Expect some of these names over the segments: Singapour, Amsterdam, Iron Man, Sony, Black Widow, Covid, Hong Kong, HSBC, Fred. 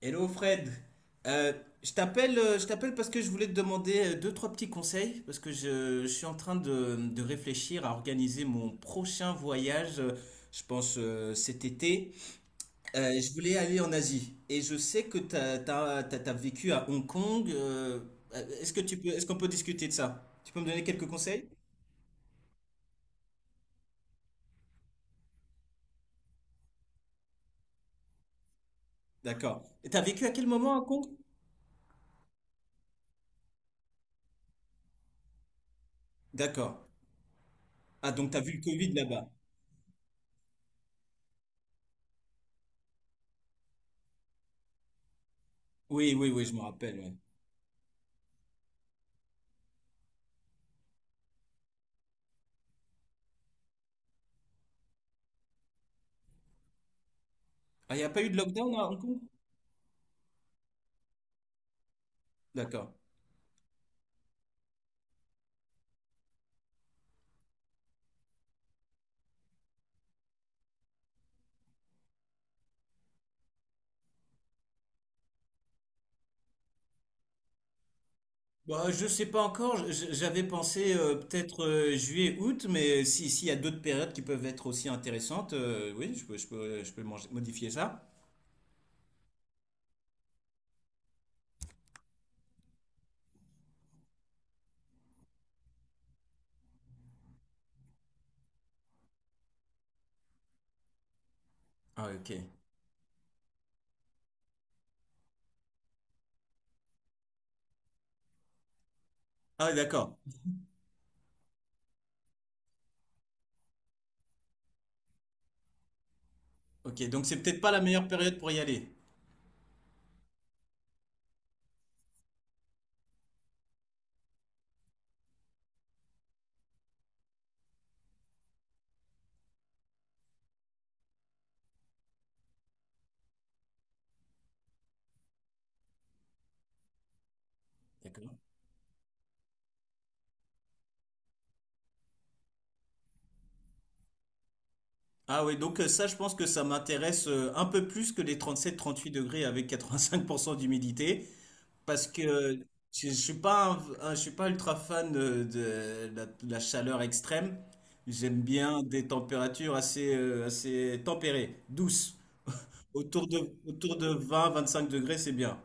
Hello Fred. Euh, je t'appelle parce que je voulais te demander deux, trois petits conseils, parce que je suis en train de réfléchir à organiser mon prochain voyage, je pense cet été. Je voulais aller en Asie et je sais que t'as vécu à Hong Kong. Est-ce que tu peux, est-ce qu'on peut discuter de ça? Tu peux me donner quelques conseils? D'accord. Et t'as vécu à quel moment à Hong Kong? D'accord. Ah, donc t'as vu le Covid là-bas? Oui, oui, oui, je me rappelle, ouais. Ah, il n'y a pas eu de lockdown à Hong Kong? D'accord. Bah, je sais pas encore. J'avais pensé peut-être juillet, août, mais si, s'il y a d'autres périodes qui peuvent être aussi intéressantes, oui, je peux modifier ça. Ah, ok. Ah, d'accord. Ok, donc c'est peut-être pas la meilleure période pour y aller. D'accord. Ah oui, donc ça, je pense que ça m'intéresse un peu plus que les 37 38 degrés avec 85% d'humidité. Parce que je suis pas je suis pas ultra fan de la chaleur extrême. J'aime bien des températures assez, assez tempérées, douces. Autour de, autour de 20-25 degrés, c'est bien.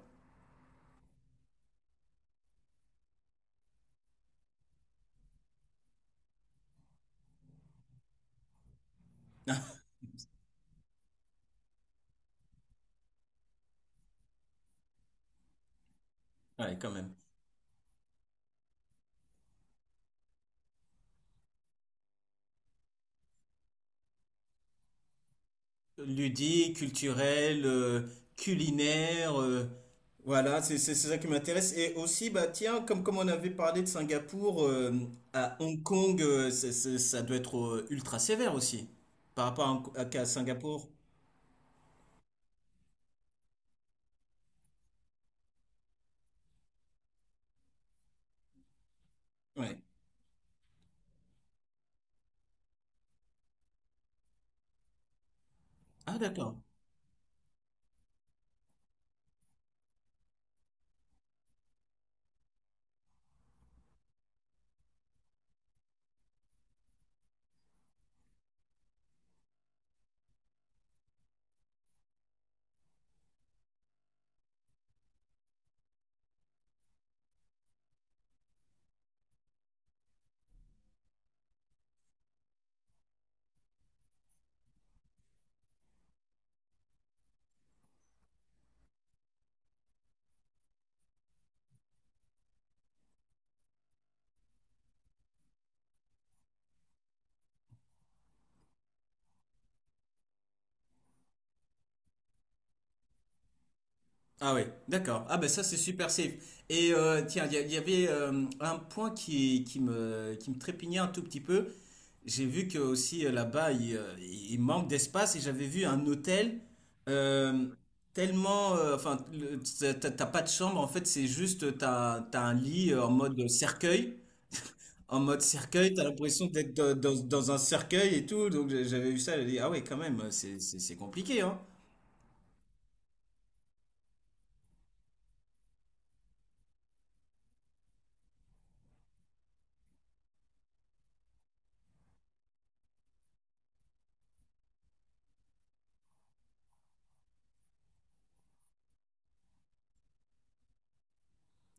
Ouais, quand même. Ludique, culturel, culinaire, voilà, c'est ça qui m'intéresse. Et aussi, bah tiens, comme on avait parlé de Singapour, à Hong Kong, ça doit être ultra sévère aussi, par rapport à, qu'à Singapour. Ouais. Ah d'accord. Ah oui, d'accord. Ah ben ça c'est super safe. Et tiens, il y avait un point qui me trépignait un tout petit peu. J'ai vu que aussi là-bas il manque d'espace et j'avais vu un hôtel euh, tellement, enfin, t'as pas de chambre en fait, c'est juste t'as un lit en mode cercueil, en mode cercueil. T'as l'impression d'être dans un cercueil et tout. Donc j'avais vu ça, j'ai dit ah ouais quand même, c'est compliqué hein.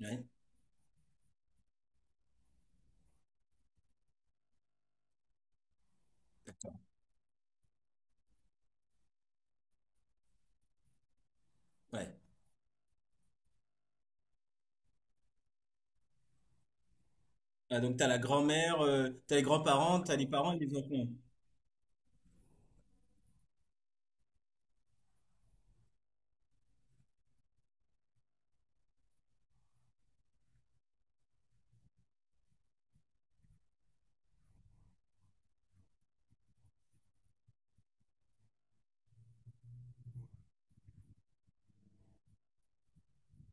Ouais, ouais. Ah, donc t'as la grand-mère, t'as les grands-parents, t'as les parents et les enfants.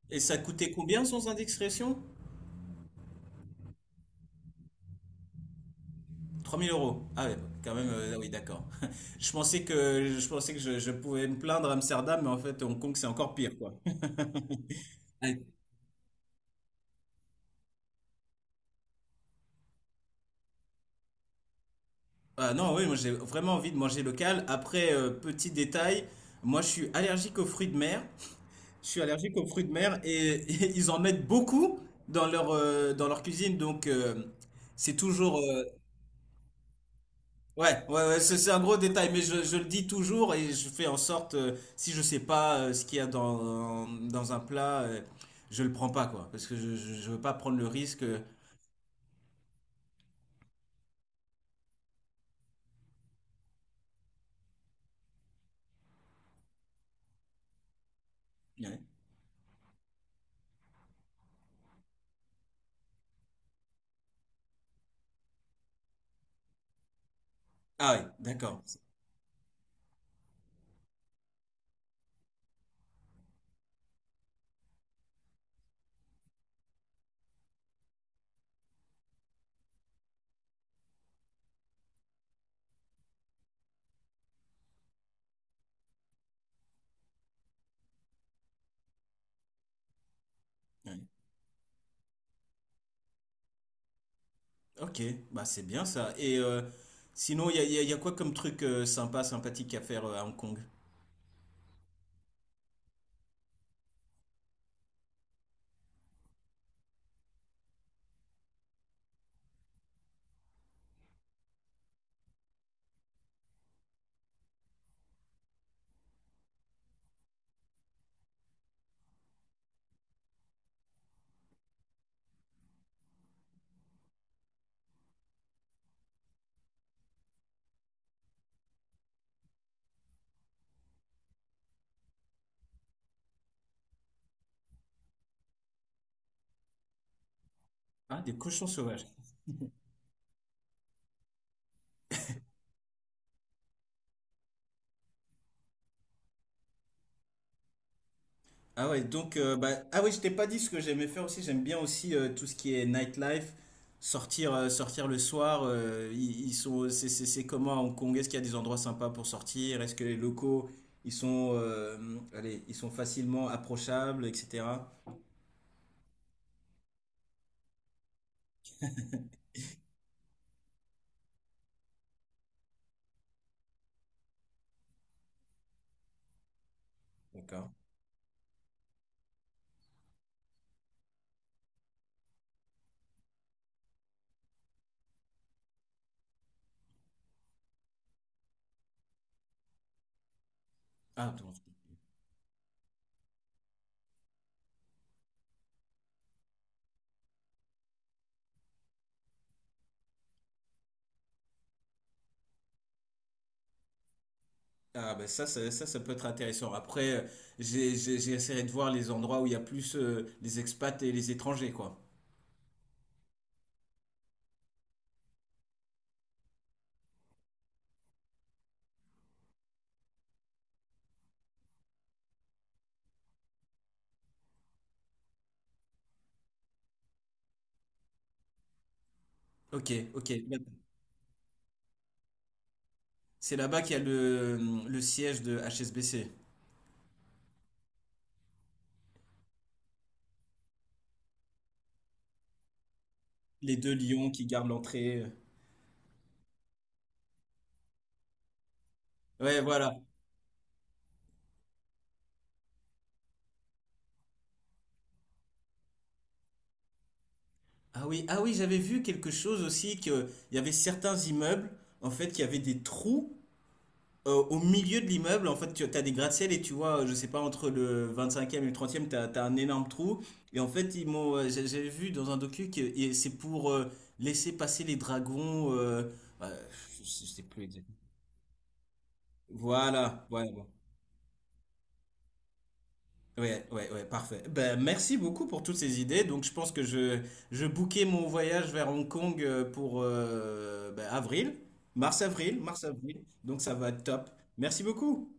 Et ça coûtait combien sans indexation? 3000 euros. Ah ouais, bon, quand même, ah oui, d'accord. Je pensais que je pouvais me plaindre à Amsterdam, mais en fait, Hong Kong, c'est encore pire, quoi. Ah ah non, oui, moi j'ai vraiment envie de manger local. Après, petit détail, moi je suis allergique aux fruits de mer. Je suis allergique aux fruits de mer et, et ils en mettent beaucoup dans leur cuisine. Donc c'est toujours, Ouais, ouais, ouais, c'est un gros détail, mais je le dis toujours et je fais en sorte, si je sais pas ce qu'il y a dans, dans un plat, je le prends pas, quoi, parce que je veux pas prendre le risque. Euh. Ouais. Ah ouais, d'accord. Ouais. Ok, bah c'est bien ça. Et sinon, il y a quoi comme truc sympa, sympathique à faire à Hong Kong? Ah, des cochons sauvages. Ah ouais, donc, bah, ah oui, je t'ai pas dit ce que j'aimais faire aussi. J'aime bien aussi tout ce qui est nightlife, sortir, sortir le soir. Ils, ils sont, c'est- C'est comment à Hong Kong? Est-ce qu'il y a des endroits sympas pour sortir? Est-ce que les locaux, ils sont, allez, ils sont facilement approchables, etc. D'accord. Ah, donc- ah ben ça peut être intéressant. Après, j'ai essayé de voir les endroits où il y a plus les expats et les étrangers, quoi. Ok, ok. C'est là-bas qu'il y a le siège de HSBC. Les deux lions qui gardent l'entrée. Ouais, voilà. Ah oui, ah oui, j'avais vu quelque chose aussi que il y avait certains immeubles en fait qui avaient des trous au milieu de l'immeuble. En fait, tu as des gratte-ciel et tu vois, je sais pas entre le 25e et le 30e, e t'as as un énorme trou. Et en fait, ils m'ont j'avais vu dans un docu que et c'est pour laisser passer les dragons euh, je sais plus exactement. Voilà, voilà. Ouais, ouais, ouais, parfait. Ben, merci beaucoup pour toutes ces idées. Donc, je pense que je bookais mon voyage vers Hong Kong pour ben, mars-avril. Donc, ça va être top. Merci beaucoup.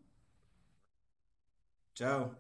Ciao.